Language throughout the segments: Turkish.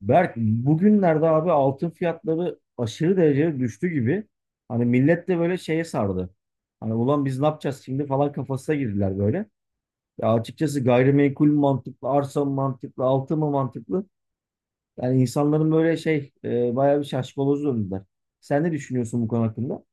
Berk bugünlerde abi altın fiyatları aşırı derecede düştü gibi. Hani millet de böyle şeye sardı. Hani ulan biz ne yapacağız şimdi falan kafasına girdiler böyle. Ya açıkçası gayrimenkul mü mantıklı, arsa mı mantıklı, altın mı mantıklı? Yani insanların böyle bayağı bir şaşkaloz döndüler. Sen ne düşünüyorsun bu konu hakkında?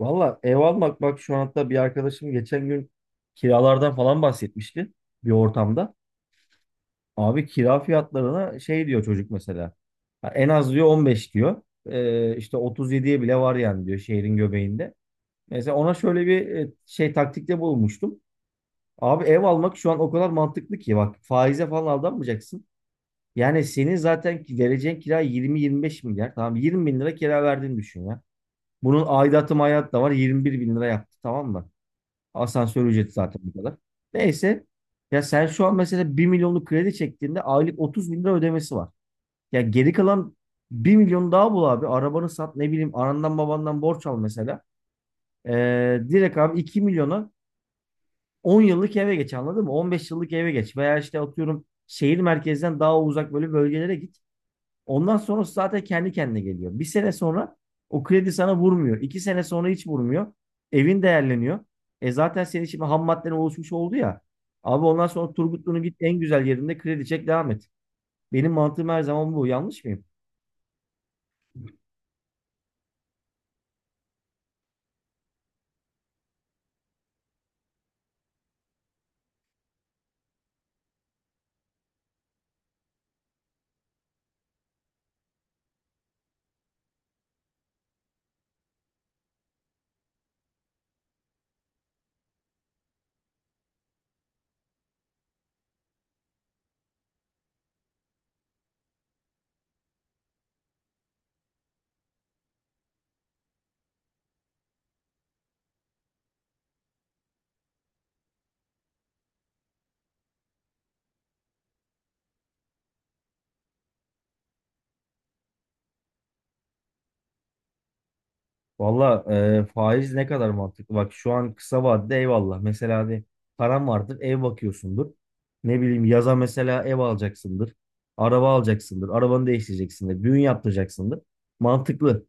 Valla ev almak bak şu an hatta bir arkadaşım geçen gün kiralardan falan bahsetmişti bir ortamda. Abi kira fiyatlarına şey diyor çocuk mesela. Ha, en az diyor 15 diyor. İşte 37'ye bile var yani diyor şehrin göbeğinde. Mesela ona şöyle bir şey taktikte bulmuştum. Abi ev almak şu an o kadar mantıklı ki bak faize falan aldanmayacaksın. Yani senin zaten vereceğin kira 20-25 milyar. Tamam 20 bin lira kira verdiğini düşün ya. Bunun aidatı mayat da var 21 bin lira yaptı tamam mı? Asansör ücreti zaten bu kadar. Neyse ya sen şu an mesela bir milyonluk kredi çektiğinde aylık 30 bin lira ödemesi var. Ya geri kalan bir milyon daha bul abi. Arabanı sat ne bileyim anandan babandan borç al mesela. Direkt abi 2 milyona 10 yıllık eve geç anladın mı? 15 yıllık eve geç. Veya işte atıyorum şehir merkezden daha uzak böyle bölgelere git. Ondan sonrası zaten kendi kendine geliyor. Bir sene sonra o kredi sana vurmuyor. 2 sene sonra hiç vurmuyor. Evin değerleniyor. E zaten senin şimdi ham madden oluşmuş oldu ya. Abi ondan sonra Turgutlu'nun git en güzel yerinde kredi çek devam et. Benim mantığım her zaman bu. Yanlış mıyım? Valla faiz ne kadar mantıklı. Bak şu an kısa vadede eyvallah. Mesela hani param vardır ev bakıyorsundur. Ne bileyim yaza mesela ev alacaksındır. Araba alacaksındır. Arabanı değiştireceksindir. Düğün yaptıracaksındır. Mantıklı.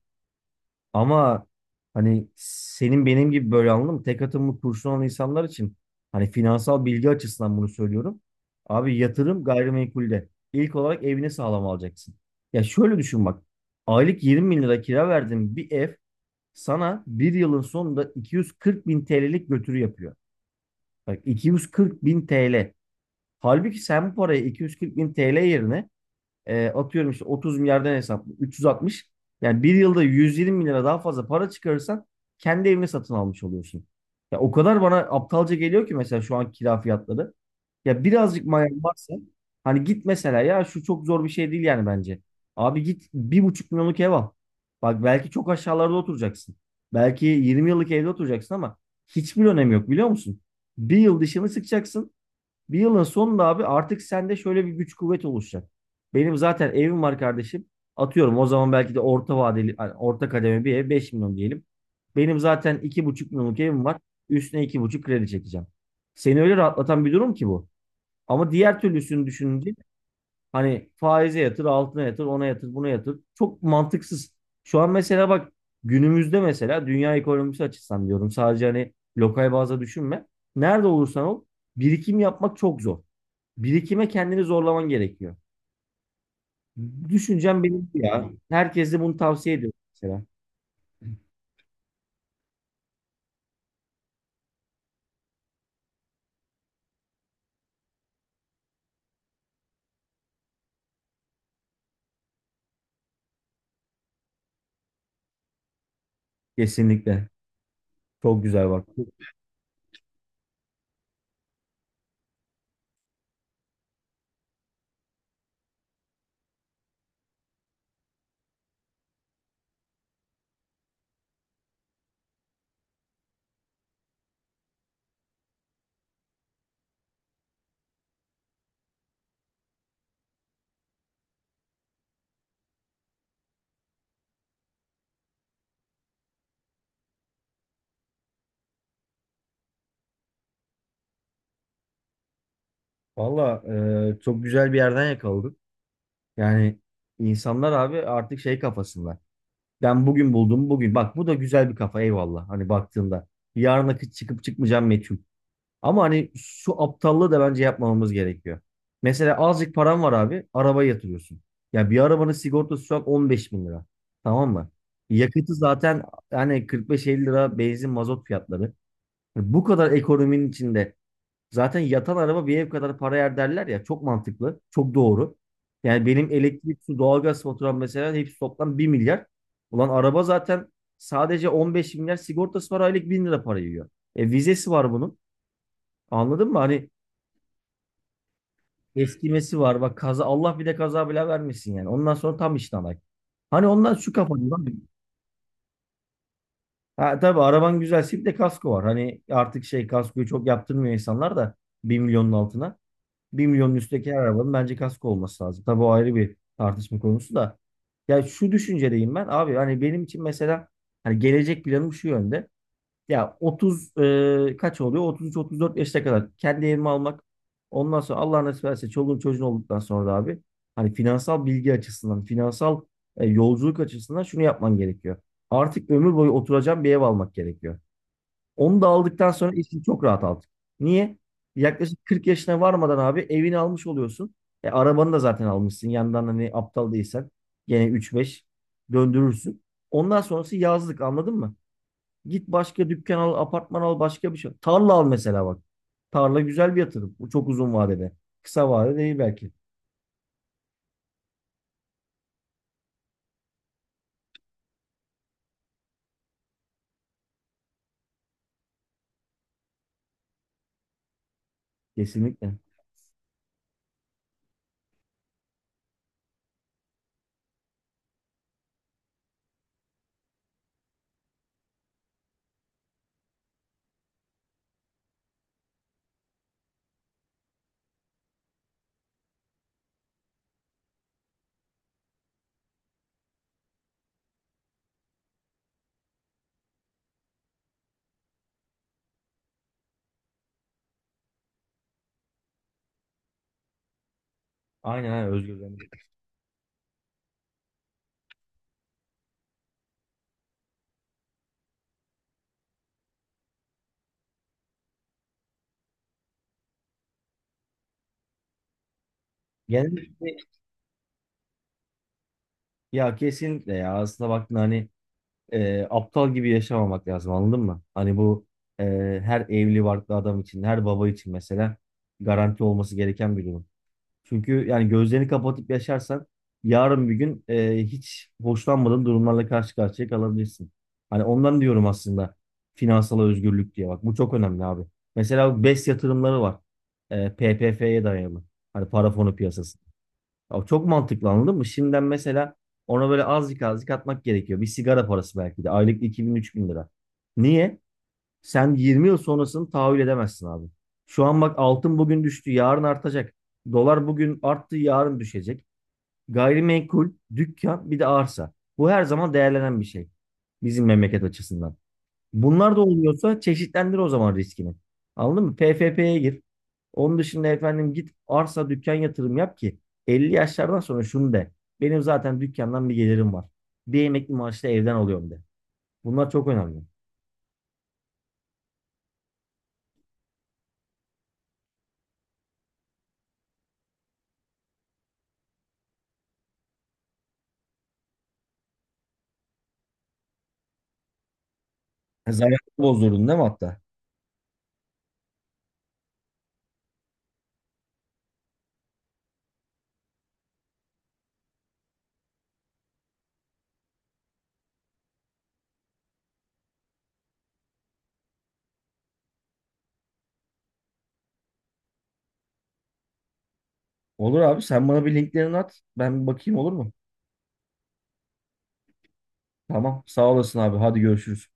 Ama hani senin benim gibi böyle anladın mı? Tek atımlı kurşun olan insanlar için hani finansal bilgi açısından bunu söylüyorum. Abi yatırım gayrimenkulde. İlk olarak evini sağlam alacaksın. Ya şöyle düşün bak. Aylık 20 bin lira kira verdiğin bir ev sana bir yılın sonunda 240 bin TL'lik götürü yapıyor. Bak 240 bin TL. Halbuki sen bu parayı 240 bin TL yerine atıyorum işte 30 milyardan hesaplı 360 yani bir yılda 120 bin lira daha fazla para çıkarırsan kendi evini satın almış oluyorsun. Ya o kadar bana aptalca geliyor ki mesela şu an kira fiyatları. Ya birazcık mayan varsa hani git mesela ya şu çok zor bir şey değil yani bence. Abi git bir buçuk milyonluk ev al. Bak belki çok aşağılarda oturacaksın. Belki 20 yıllık evde oturacaksın ama hiçbir önemi yok biliyor musun? Bir yıl dişini sıkacaksın. Bir yılın sonunda abi artık sende şöyle bir güç kuvvet oluşacak. Benim zaten evim var kardeşim. Atıyorum o zaman belki de orta vadeli, hani orta kademe bir ev 5 milyon diyelim. Benim zaten iki buçuk milyonluk evim var. Üstüne iki buçuk kredi çekeceğim. Seni öyle rahatlatan bir durum ki bu. Ama diğer türlüsünü düşününce hani faize yatır, altına yatır, ona yatır, buna yatır. Çok mantıksız. Şu an mesela bak günümüzde mesela dünya ekonomisi açısından diyorum. Sadece hani lokal bazda düşünme. Nerede olursan ol birikim yapmak çok zor. Birikime kendini zorlaman gerekiyor. Düşüncem benim bu ya. Herkese bunu tavsiye ediyorum mesela. Kesinlikle. Çok güzel bak. Valla çok güzel bir yerden yakaladık. Yani insanlar abi artık şey kafasında. Ben bugün buldum bugün. Bak bu da güzel bir kafa eyvallah. Hani baktığında yarına çıkıp çıkmayacağım meçhul. Ama hani şu aptallığı da bence yapmamamız gerekiyor. Mesela azıcık param var abi. Arabaya yatırıyorsun. Ya bir arabanın sigortası şu an 15 bin lira. Tamam mı? Yakıtı zaten yani 45-50 lira benzin mazot fiyatları. Bu kadar ekonominin içinde zaten yatan araba bir ev kadar para yer derler ya. Çok mantıklı. Çok doğru. Yani benim elektrik, su, doğalgaz faturam mesela hepsi toplam bir milyar. Ulan araba zaten sadece 15 milyar sigortası var aylık 1000 lira para yiyor. E vizesi var bunun. Anladın mı? Hani eskimesi var. Bak kaza Allah bir de kaza bile vermesin yani. Ondan sonra tam işten ay. Hani ondan şu kafada. Ha, tabii araban güzelse bir de kasko var. Hani artık şey kaskoyu çok yaptırmıyor insanlar da bir milyonun altına. Bir milyonun üstteki her arabanın bence kasko olması lazım. Tabii o ayrı bir tartışma konusu da. Ya şu düşüncedeyim ben abi hani benim için mesela hani gelecek planım şu yönde. Ya 30 kaç oluyor? 33-34 yaşına kadar kendi evimi almak. Ondan sonra Allah nasip ederse çoluğun çocuğun olduktan sonra da abi hani finansal bilgi açısından, finansal yolculuk açısından şunu yapman gerekiyor. Artık ömür boyu oturacağım bir ev almak gerekiyor. Onu da aldıktan sonra işin çok rahat aldık. Niye? Yaklaşık 40 yaşına varmadan abi evini almış oluyorsun. E, arabanı da zaten almışsın. Yandan hani aptal değilsen gene 3-5 döndürürsün. Ondan sonrası yazlık anladın mı? Git başka dükkan al, apartman al, başka bir şey. Tarla al mesela bak. Tarla güzel bir yatırım. Bu çok uzun vadede. Kısa vadede değil belki. Kesinlikle. Aynen aynen Özgür. Genelde ya kesinlikle ya aslında baktın hani aptal gibi yaşamamak lazım anladın mı? Hani bu e, her evli barklı adam için, her baba için mesela garanti olması gereken bir durum. Çünkü yani gözlerini kapatıp yaşarsan yarın bir gün hiç hoşlanmadığın durumlarla karşı karşıya kalabilirsin. Hani ondan diyorum aslında finansal özgürlük diye bak bu çok önemli abi. Mesela BES yatırımları var. E, PPF'ye dayalı. Hani para fonu piyasası. Ya çok mantıklı anladın mı? Şimdiden mesela ona böyle azıcık azıcık atmak gerekiyor. Bir sigara parası belki de. Aylık 2000-3000 lira. Niye? Sen 20 yıl sonrasını tahayyül edemezsin abi. Şu an bak altın bugün düştü, yarın artacak. Dolar bugün arttı, yarın düşecek. Gayrimenkul, dükkan, bir de arsa. Bu her zaman değerlenen bir şey. Bizim memleket açısından. Bunlar da olmuyorsa çeşitlendir o zaman riskini. Anladın mı? PFP'ye gir. Onun dışında efendim git arsa dükkan yatırım yap ki 50 yaşlardan sonra şunu de. Benim zaten dükkandan bir gelirim var. Bir emekli maaşla evden alıyorum de. Bunlar çok önemli. Ha, zamanı bozdurdun değil mi hatta? Olur abi sen bana bir linklerini at. Ben bir bakayım olur mu? Tamam sağ olasın abi hadi görüşürüz.